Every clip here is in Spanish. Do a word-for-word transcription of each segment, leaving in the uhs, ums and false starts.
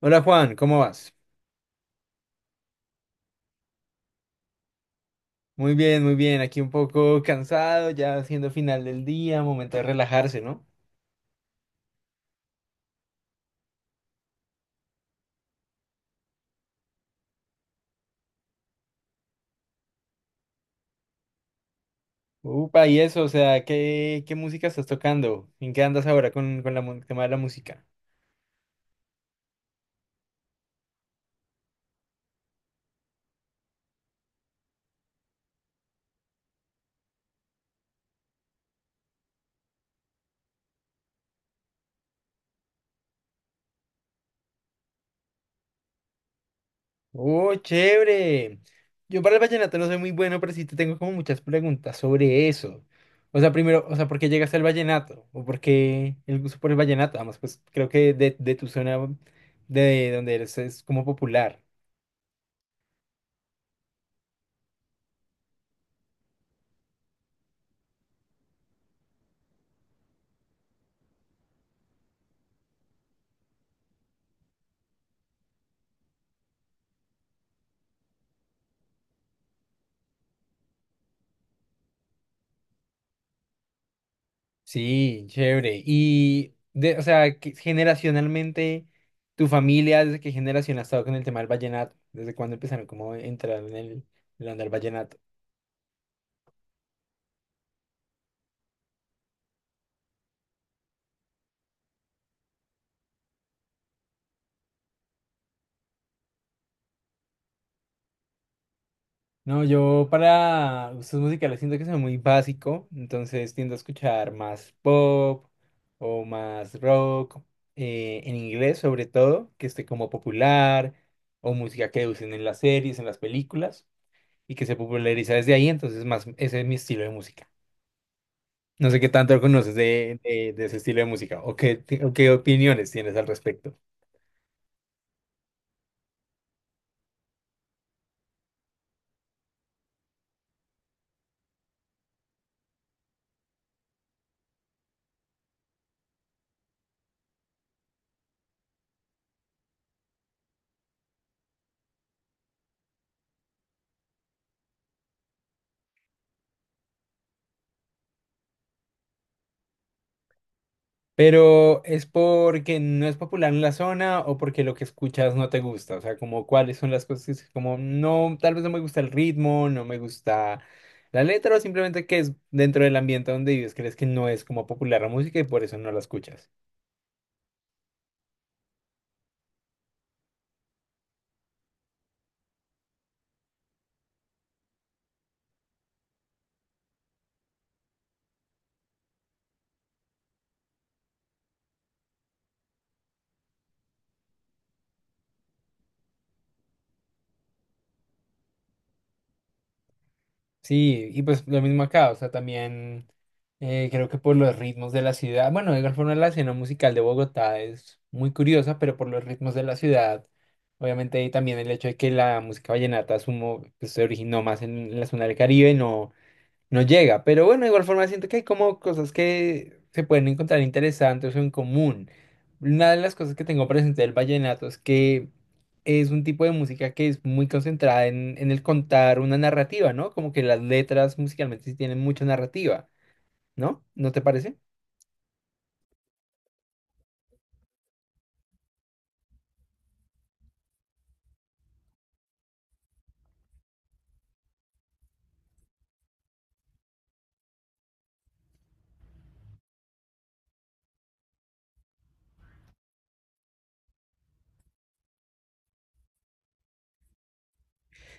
Hola Juan, ¿cómo vas? Muy bien, muy bien. Aquí un poco cansado, ya siendo final del día, momento de relajarse, ¿no? Upa, y eso, o sea, ¿qué, qué música estás tocando? ¿En qué andas ahora con, con la mu- tema de la música? ¡Oh, chévere! Yo para el vallenato no soy muy bueno, pero sí te tengo como muchas preguntas sobre eso. O sea, primero, o sea, ¿por qué llegaste al vallenato? ¿O por qué el gusto por el vallenato? Además, pues creo que de, de tu zona de donde eres es como popular. Sí, chévere. Y, de, o sea, que generacionalmente, tu familia, ¿desde qué generación ha estado con el tema del vallenato? ¿Desde cuándo empezaron como a entrar en el, en la onda del vallenato? No, yo para gustos musicales siento que soy muy básico, entonces tiendo a escuchar más pop o más rock, eh, en inglés sobre todo, que esté como popular, o música que usen en las series, en las películas, y que se populariza desde ahí, entonces más, ese es mi estilo de música. No sé qué tanto conoces de, de, de ese estilo de música o qué, ti- o qué opiniones tienes al respecto. Pero es porque no es popular en la zona o porque lo que escuchas no te gusta. O sea, como cuáles son las cosas que es como no, tal vez no me gusta el ritmo, no me gusta la letra o simplemente que es dentro del ambiente donde vives, crees que no es como popular la música y por eso no la escuchas. Sí, y pues lo mismo acá, o sea, también eh, creo que por los ritmos de la ciudad, bueno, de igual forma la escena musical de Bogotá es muy curiosa, pero por los ritmos de la ciudad, obviamente y también el hecho de que la música vallenata asumo, pues, se originó más en la zona del Caribe, no no llega. Pero bueno, de igual forma siento que hay como cosas que se pueden encontrar interesantes o en común. Una de las cosas que tengo presente del vallenato es que es un tipo de música que es muy concentrada en, en el contar una narrativa, ¿no? Como que las letras musicalmente sí tienen mucha narrativa, ¿no? ¿No te parece?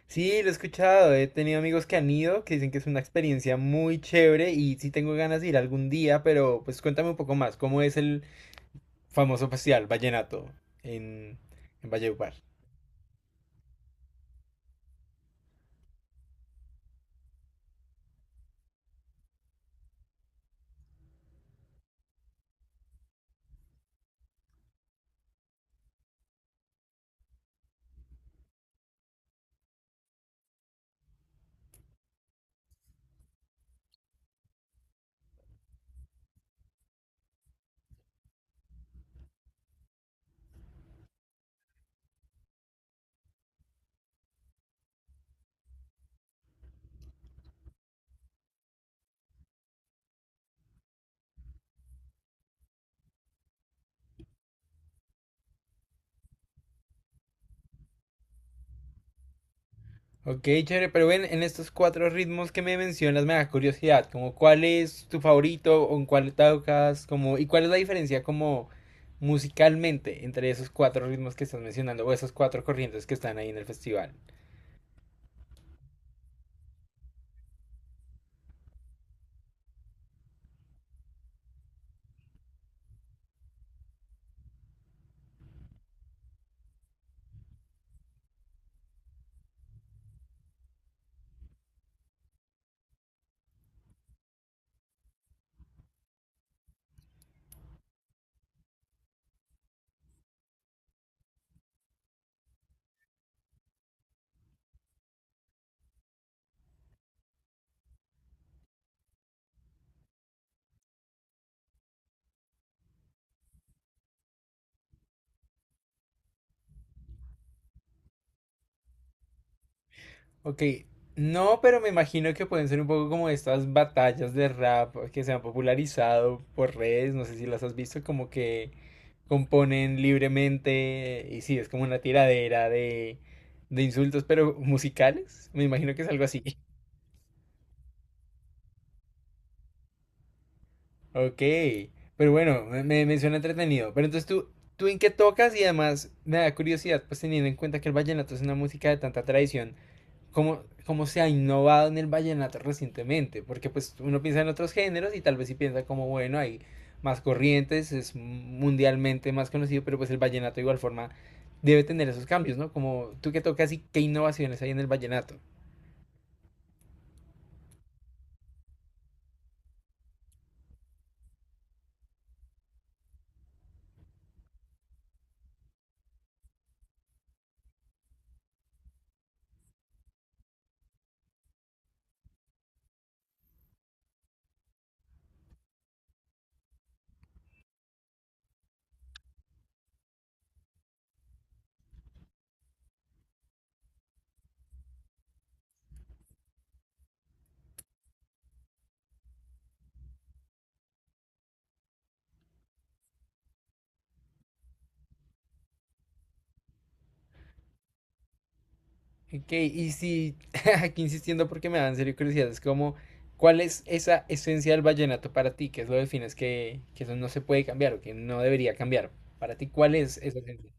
Sí, lo he escuchado, he tenido amigos que han ido, que dicen que es una experiencia muy chévere y sí tengo ganas de ir algún día, pero pues cuéntame un poco más, ¿cómo es el famoso festival Vallenato en, en Valledupar? Ok, chévere, pero ven, en estos cuatro ritmos que me mencionas me da curiosidad, como cuál es tu favorito o en cuál tocas, como, y cuál es la diferencia como musicalmente entre esos cuatro ritmos que estás mencionando o esas cuatro corrientes que están ahí en el festival. Ok, no, pero me imagino que pueden ser un poco como estas batallas de rap que se han popularizado por redes, no sé si las has visto, como que componen libremente y sí, es como una tiradera de, de insultos, pero musicales, me imagino que es algo así. Ok, pero bueno, me, me- me suena entretenido. Pero entonces tú, ¿tú en qué tocas? Y además me da curiosidad, pues teniendo en cuenta que el vallenato es una música de tanta tradición. Cómo, cómo se ha innovado en el vallenato recientemente, porque pues uno piensa en otros géneros y tal vez sí piensa como, bueno, hay más corrientes, es mundialmente más conocido, pero pues el vallenato de igual forma debe tener esos cambios, ¿no? Como tú que tocas y qué innovaciones hay en el vallenato. Ok, y si aquí insistiendo porque me da en serio curiosidad, es como, ¿cuál es esa esencia del vallenato para ti? ¿Qué es lo que defines que, que eso no se puede cambiar o que no debería cambiar? Para ti, ¿cuál es esa esencia?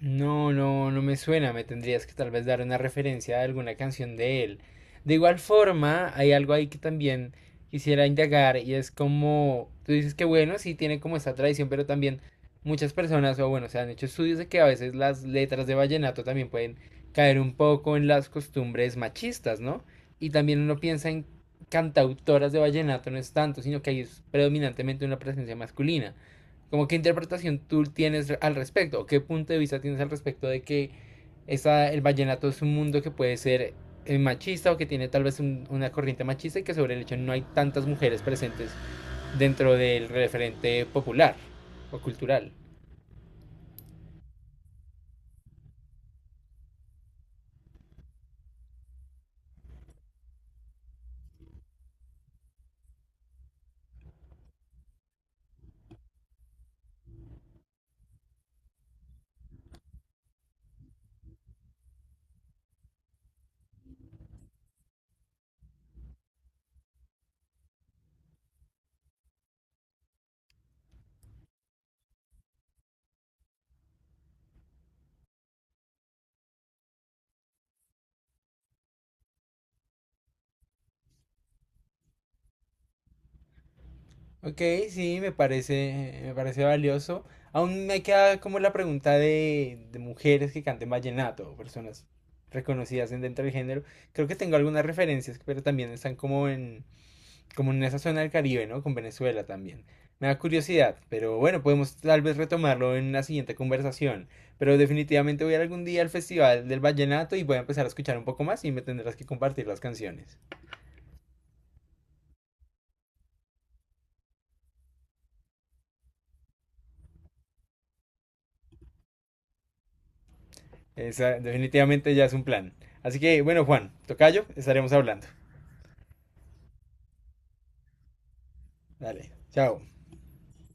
No, no, no me suena. Me tendrías que tal vez dar una referencia a alguna canción de él. De igual forma, hay algo ahí que también quisiera indagar y es como, tú dices que bueno, sí tiene como esta tradición, pero también muchas personas, o bueno, se han hecho estudios de que a veces las letras de vallenato también pueden caer un poco en las costumbres machistas, ¿no? Y también uno piensa en cantautoras de vallenato, no es tanto, sino que ahí es predominantemente una presencia masculina. Como qué interpretación tú tienes al respecto, o qué punto de vista tienes al respecto de que esa, el vallenato es un mundo que puede ser eh, machista o que tiene tal vez un- una corriente machista y que sobre el hecho no hay tantas mujeres presentes dentro del referente popular o cultural. Ok, sí, me parece, me parece valioso. Aún me queda como la pregunta de, de mujeres que canten vallenato, o personas reconocidas dentro del género. Creo que tengo algunas referencias, pero también están como en, comunización al Caribe, ¿no? Con Venezuela también. Me da curiosidad, pero bueno, podemos tal vez retomarlo en una siguiente conversación. Pero definitivamente voy a ir algún día al Festival del Vallenato y voy a empezar a escuchar un poco más y me tendrás que compartir las canciones. Esa definitivamente ya es un plan. Así que bueno, Juan, tocayo, estaremos hablando. Dale, chao.